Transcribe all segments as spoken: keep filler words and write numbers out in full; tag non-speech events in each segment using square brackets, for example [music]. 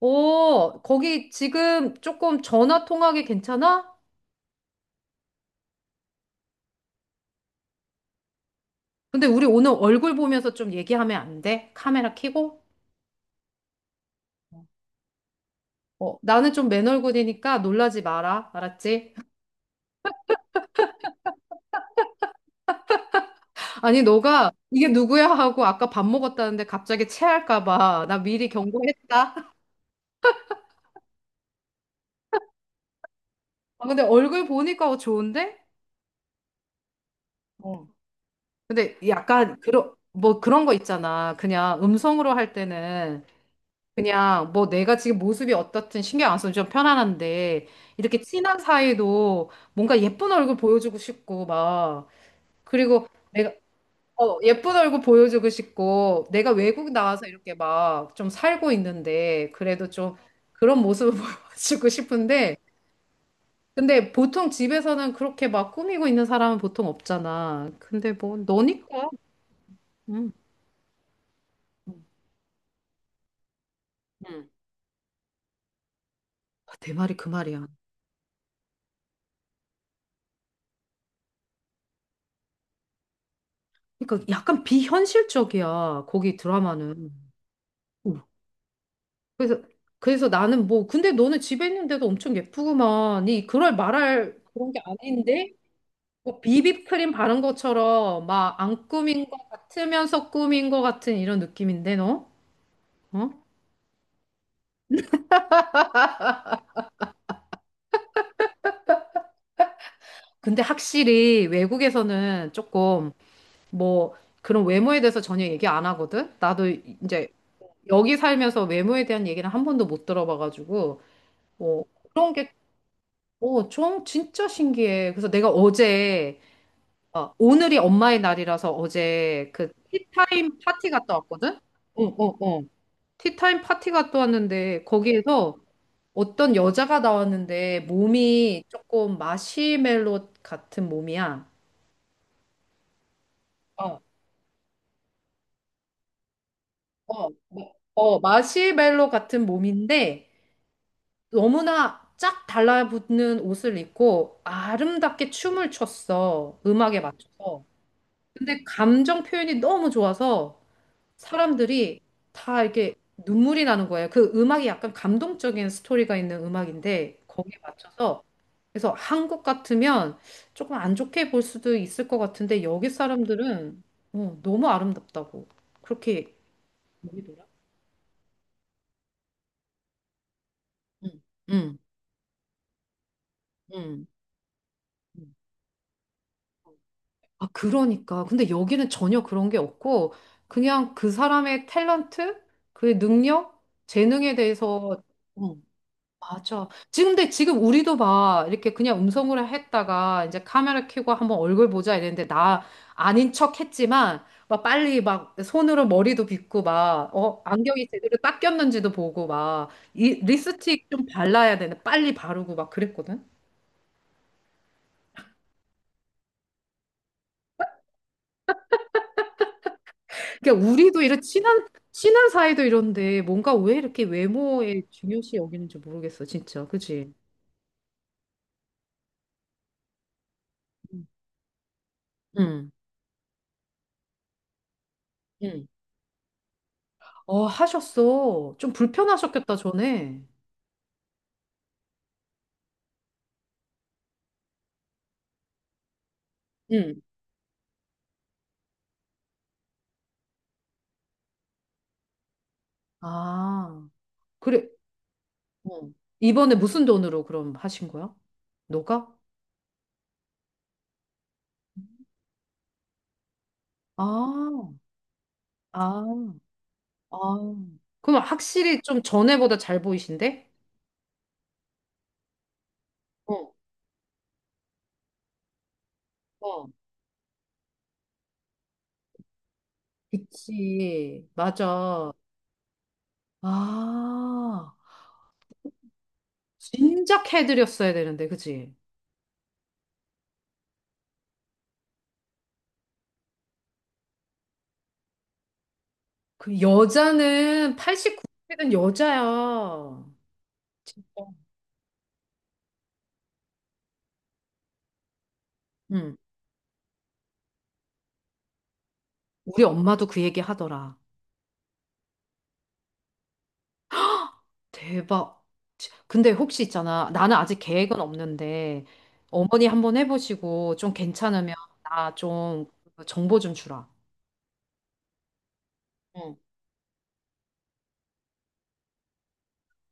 어, 거기 지금 조금 전화 통화하기 괜찮아? 근데 우리 오늘 얼굴 보면서 좀 얘기하면 안 돼? 카메라 켜고? 어, 나는 좀 맨얼굴이니까 놀라지 마라. 알았지? [laughs] 아니, 너가 이게 누구야 하고 아까 밥 먹었다는데 갑자기 체할까 봐. 나 미리 경고했다. [laughs] 아, 근데 얼굴 보니까 어, 좋은데? 어. 근데 약간 그런 뭐 그런 거 있잖아. 그냥 음성으로 할 때는 그냥 뭐 내가 지금 모습이 어떻든 신경 안 써도 좀 편안한데 이렇게 친한 사이도 뭔가 예쁜 얼굴 보여주고 싶고 막 그리고 내가 어 예쁜 얼굴 보여주고 싶고 내가 외국 나와서 이렇게 막 좀 살고 있는데 그래도 좀 그런 모습을 [laughs] 보여주고 싶은데 근데 보통 집에서는 그렇게 막 꾸미고 있는 사람은 보통 없잖아. 근데 뭐 너니까. 응. 응. 내 말이 그 말이야. 그러니까 약간 비현실적이야. 거기 드라마는. 그래서 그래서 나는 뭐 근데 너는 집에 있는데도 엄청 예쁘구만. 이 그럴 말할 그런 게 아닌데 뭐 비비크림 바른 것처럼 막 안 꾸민 것 같으면서 꾸민 것 같은 이런 느낌인데 너? 어? 근데 확실히 외국에서는 조금 뭐 그런 외모에 대해서 전혀 얘기 안 하거든. 나도 이제 여기 살면서 외모에 대한 얘기는 한 번도 못 들어봐가지고 뭐 그런 게 어, 좀 진짜 신기해. 그래서 내가 어제 어, 오늘이 엄마의 날이라서 어제 그 티타임 파티 갔다 왔거든? 어, 어, 어. 티타임 파티 갔다 왔는데 거기에서 어떤 여자가 나왔는데 몸이 조금 마시멜로 같은 몸이야. 어, 어, 뭐, 어, 마시멜로 같은 몸인데 너무나 쫙 달라붙는 옷을 입고 아름답게 춤을 췄어. 음악에 맞춰서. 근데 감정 표현이 너무 좋아서 사람들이 다 이렇게 눈물이 나는 거예요. 그 음악이 약간 감동적인 스토리가 있는 음악인데 거기에 맞춰서 그래서 한국 같으면 조금 안 좋게 볼 수도 있을 것 같은데 여기 사람들은 어, 너무 아름답다고 그렇게 여기더라. 응, 응, 응. 응. 아, 그러니까. 근데 여기는 전혀 그런 게 없고 그냥 그 사람의 탤런트, 그의 능력, 재능에 대해서 어, 맞아. 지금 근데 지금 우리도 막 이렇게 그냥 음성으로 했다가 이제 카메라 켜고 한번 얼굴 보자 이랬는데 나 아닌 척 했지만 막 빨리 막 손으로 머리도 빗고 막 어, 안경이 제대로 딱 꼈는지도 보고 막 이 립스틱 좀 발라야 되는데 빨리 바르고 막 그랬거든. 그러니까 우리도 이런 친한 친한 사이도 이런데 뭔가 왜 이렇게 외모에 중요시 여기는지 모르겠어, 진짜. 그치? 응. 응. 어, 하셨어. 좀 불편하셨겠다, 전에. 응. 아, 그래. 어. 이번에 무슨 돈으로 그럼 하신 거야? 너가? 아, 아, 아. 그럼 확실히 좀 전에보다 잘 보이신데? 어, 어. 그치. 맞아. 아, 진작 해드렸어야 되는데, 그치? 그 여자는 팔십구 세는 여자야. 진짜. 응. 우리 엄마도 그 얘기 하더라. 대박. 치- 근데 혹시 있잖아. 나는 아직 계획은 없는데, 어머니 한번 해보시고, 좀 괜찮으면 나좀 그 정보 좀 주라. 응.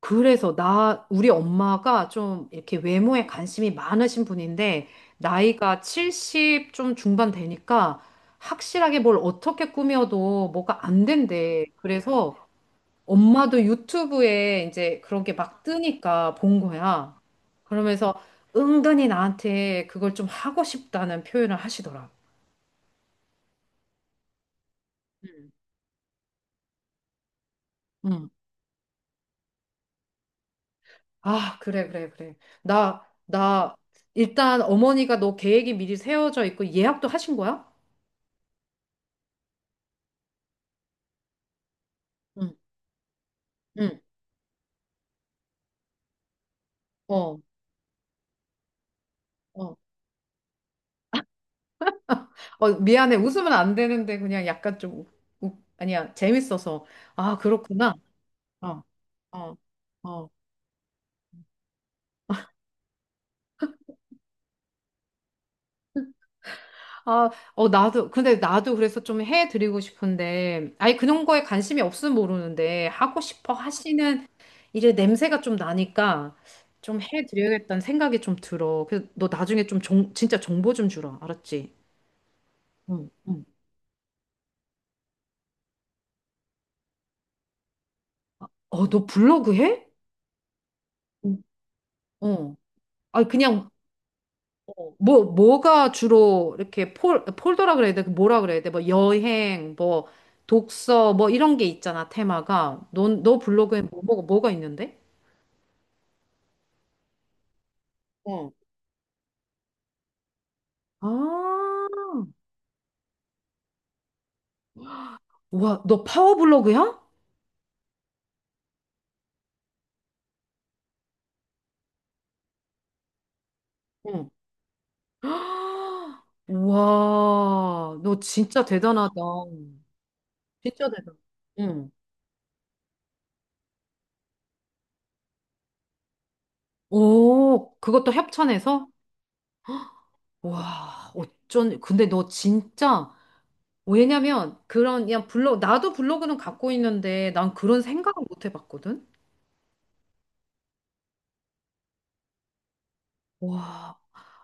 그래서 나, 우리 엄마가 좀 이렇게 외모에 관심이 많으신 분인데, 나이가 칠십 좀 중반 되니까, 확실하게 뭘 어떻게 꾸며도 뭐가 안 된대. 그래서 엄마도 유튜브에 이제 그런 게 막 뜨니까 본 거야. 그러면서 은근히 나한테 그걸 좀 하고 싶다는 표현을 하시더라. 음. 응. 아, 그래, 그래, 그래. 나, 나, 일단 어머니가 너 계획이 미리 세워져 있고 예약도 하신 거야? 응, 응. 어, 어. 어, 미안해. 웃으면 안 되는데 그냥 약간 좀, 웃, 웃- 아니야. 재밌어서. 아, 그렇구나. 어, 어, 어. 아, 어, 나도, 근데 나도 그래서 좀 해드리고 싶은데, 아니, 그런 거에 관심이 없으면 모르는데, 하고 싶어 하시는 일의 냄새가 좀 나니까, 좀 해드려야겠다는 생각이 좀 들어. 그래서 너 나중에 좀 정, 진짜 정보 좀 주라. 알았지? 응, 응. 어, 너 블로그 해? 응, 어. 아, 그냥, 어, 뭐, 뭐가 주로 이렇게 폴, 폴더라 그래야 돼? 그 뭐라 그래야 돼? 뭐, 여행, 뭐, 독서, 뭐, 이런 게 있잖아, 테마가. 넌, 너 블로그에 뭐, 뭐가 뭐가 있는데? 어. 아, 와, 너 파워블로그야? 응. [gasps] 아, 와, 너 진짜 대단하다. 진짜 대단. 응. 오, 그것도 협찬해서? 와, 어쩐, 근데 너 진짜, 왜냐면, 그런, 그냥 블로그, 나도 블로그는 갖고 있는데, 난 그런 생각을 못 해봤거든? 와.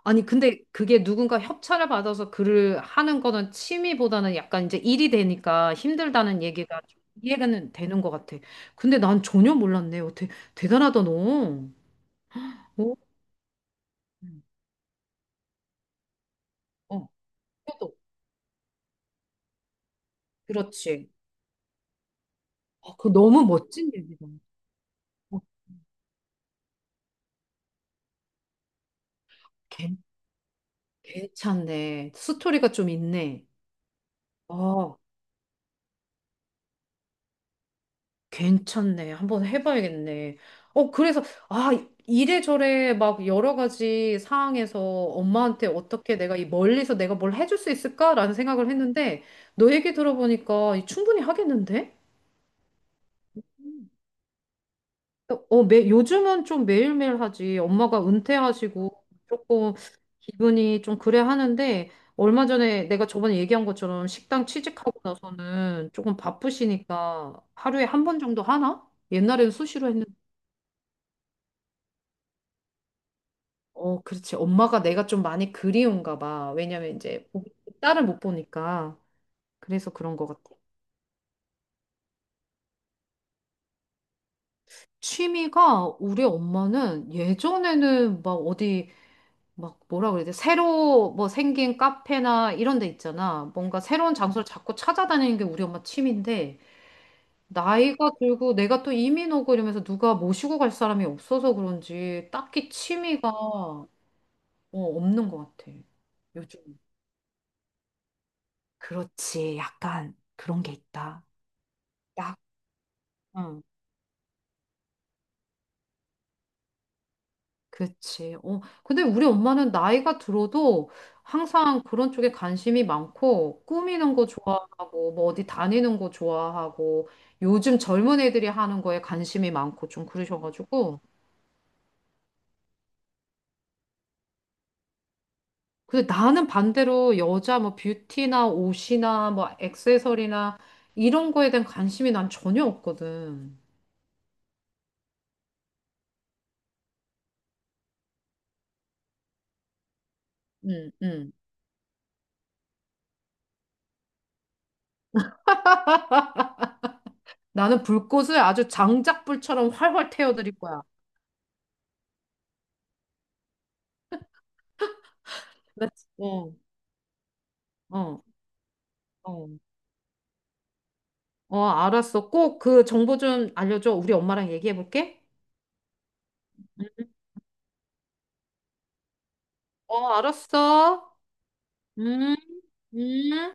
아니, 근데 그게 누군가 협찬을 받아서 글을 하는 거는 취미보다는 약간 이제 일이 되니까 힘들다는 얘기가 좀 이해가 되는 것 같아. 근데 난 전혀 몰랐네. 어떻게 대단하다, 너. 어? 어, 그래도 그렇지. 아, 그 너무 멋진 얘기다. 어, 괜- 괜찮네. 스토리가 좀 있네. 아, 괜찮네. 한번 해봐야겠네. 어, 그래서, 아, 이래저래 막 여러 가지 상황에서 엄마한테 어떻게 내가 이 멀리서 내가 뭘 해줄 수 있을까라는 생각을 했는데, 너 얘기 들어보니까 이 충분히 하겠는데? 음. 어, 매, 요즘은 좀 매일매일 하지. 엄마가 은퇴하시고 조금 기분이 좀 그래 하는데, 얼마 전에 내가 저번에 얘기한 것처럼 식당 취직하고 나서는 조금 바쁘시니까 하루에 한 번 정도 하나? 옛날에는 수시로 했는데. 어, 그렇지. 엄마가 내가 좀 많이 그리운가 봐. 왜냐면 이제 딸을 못 보니까. 그래서 그런 것 같아. 취미가 우리 엄마는 예전에는 막 어디 막 뭐라 그래야 돼? 새로 뭐 생긴 카페나 이런 데 있잖아. 뭔가 새로운 장소를 자꾸 찾아다니는 게 우리 엄마 취미인데 나이가 들고 내가 또 이민 오고 이러면서 누가 모시고 갈 사람이 없어서 그런지 딱히 취미가 어, 없는 것 같아. 요즘. 그렇지. 약간 그런 게 있다. 응, 그치. 어, 근데 우리 엄마는 나이가 들어도 항상 그런 쪽에 관심이 많고, 꾸미는 거 좋아하고, 뭐 어디 다니는 거 좋아하고, 요즘 젊은 애들이 하는 거에 관심이 많고 좀 그러셔가지고. 근데 나는 반대로 여자 뭐 뷰티나 옷이나 뭐 액세서리나 이런 거에 대한 관심이 난 전혀 없거든. 응, 응. 나는 불꽃을 아주 장작불처럼 활활 태워드릴 거야. 나- 어, 어, 어. 어, 알았어. 꼭 그 정보 좀 알려줘. 우리 엄마랑 얘기해 볼게. 어, 알았어. 음, 음.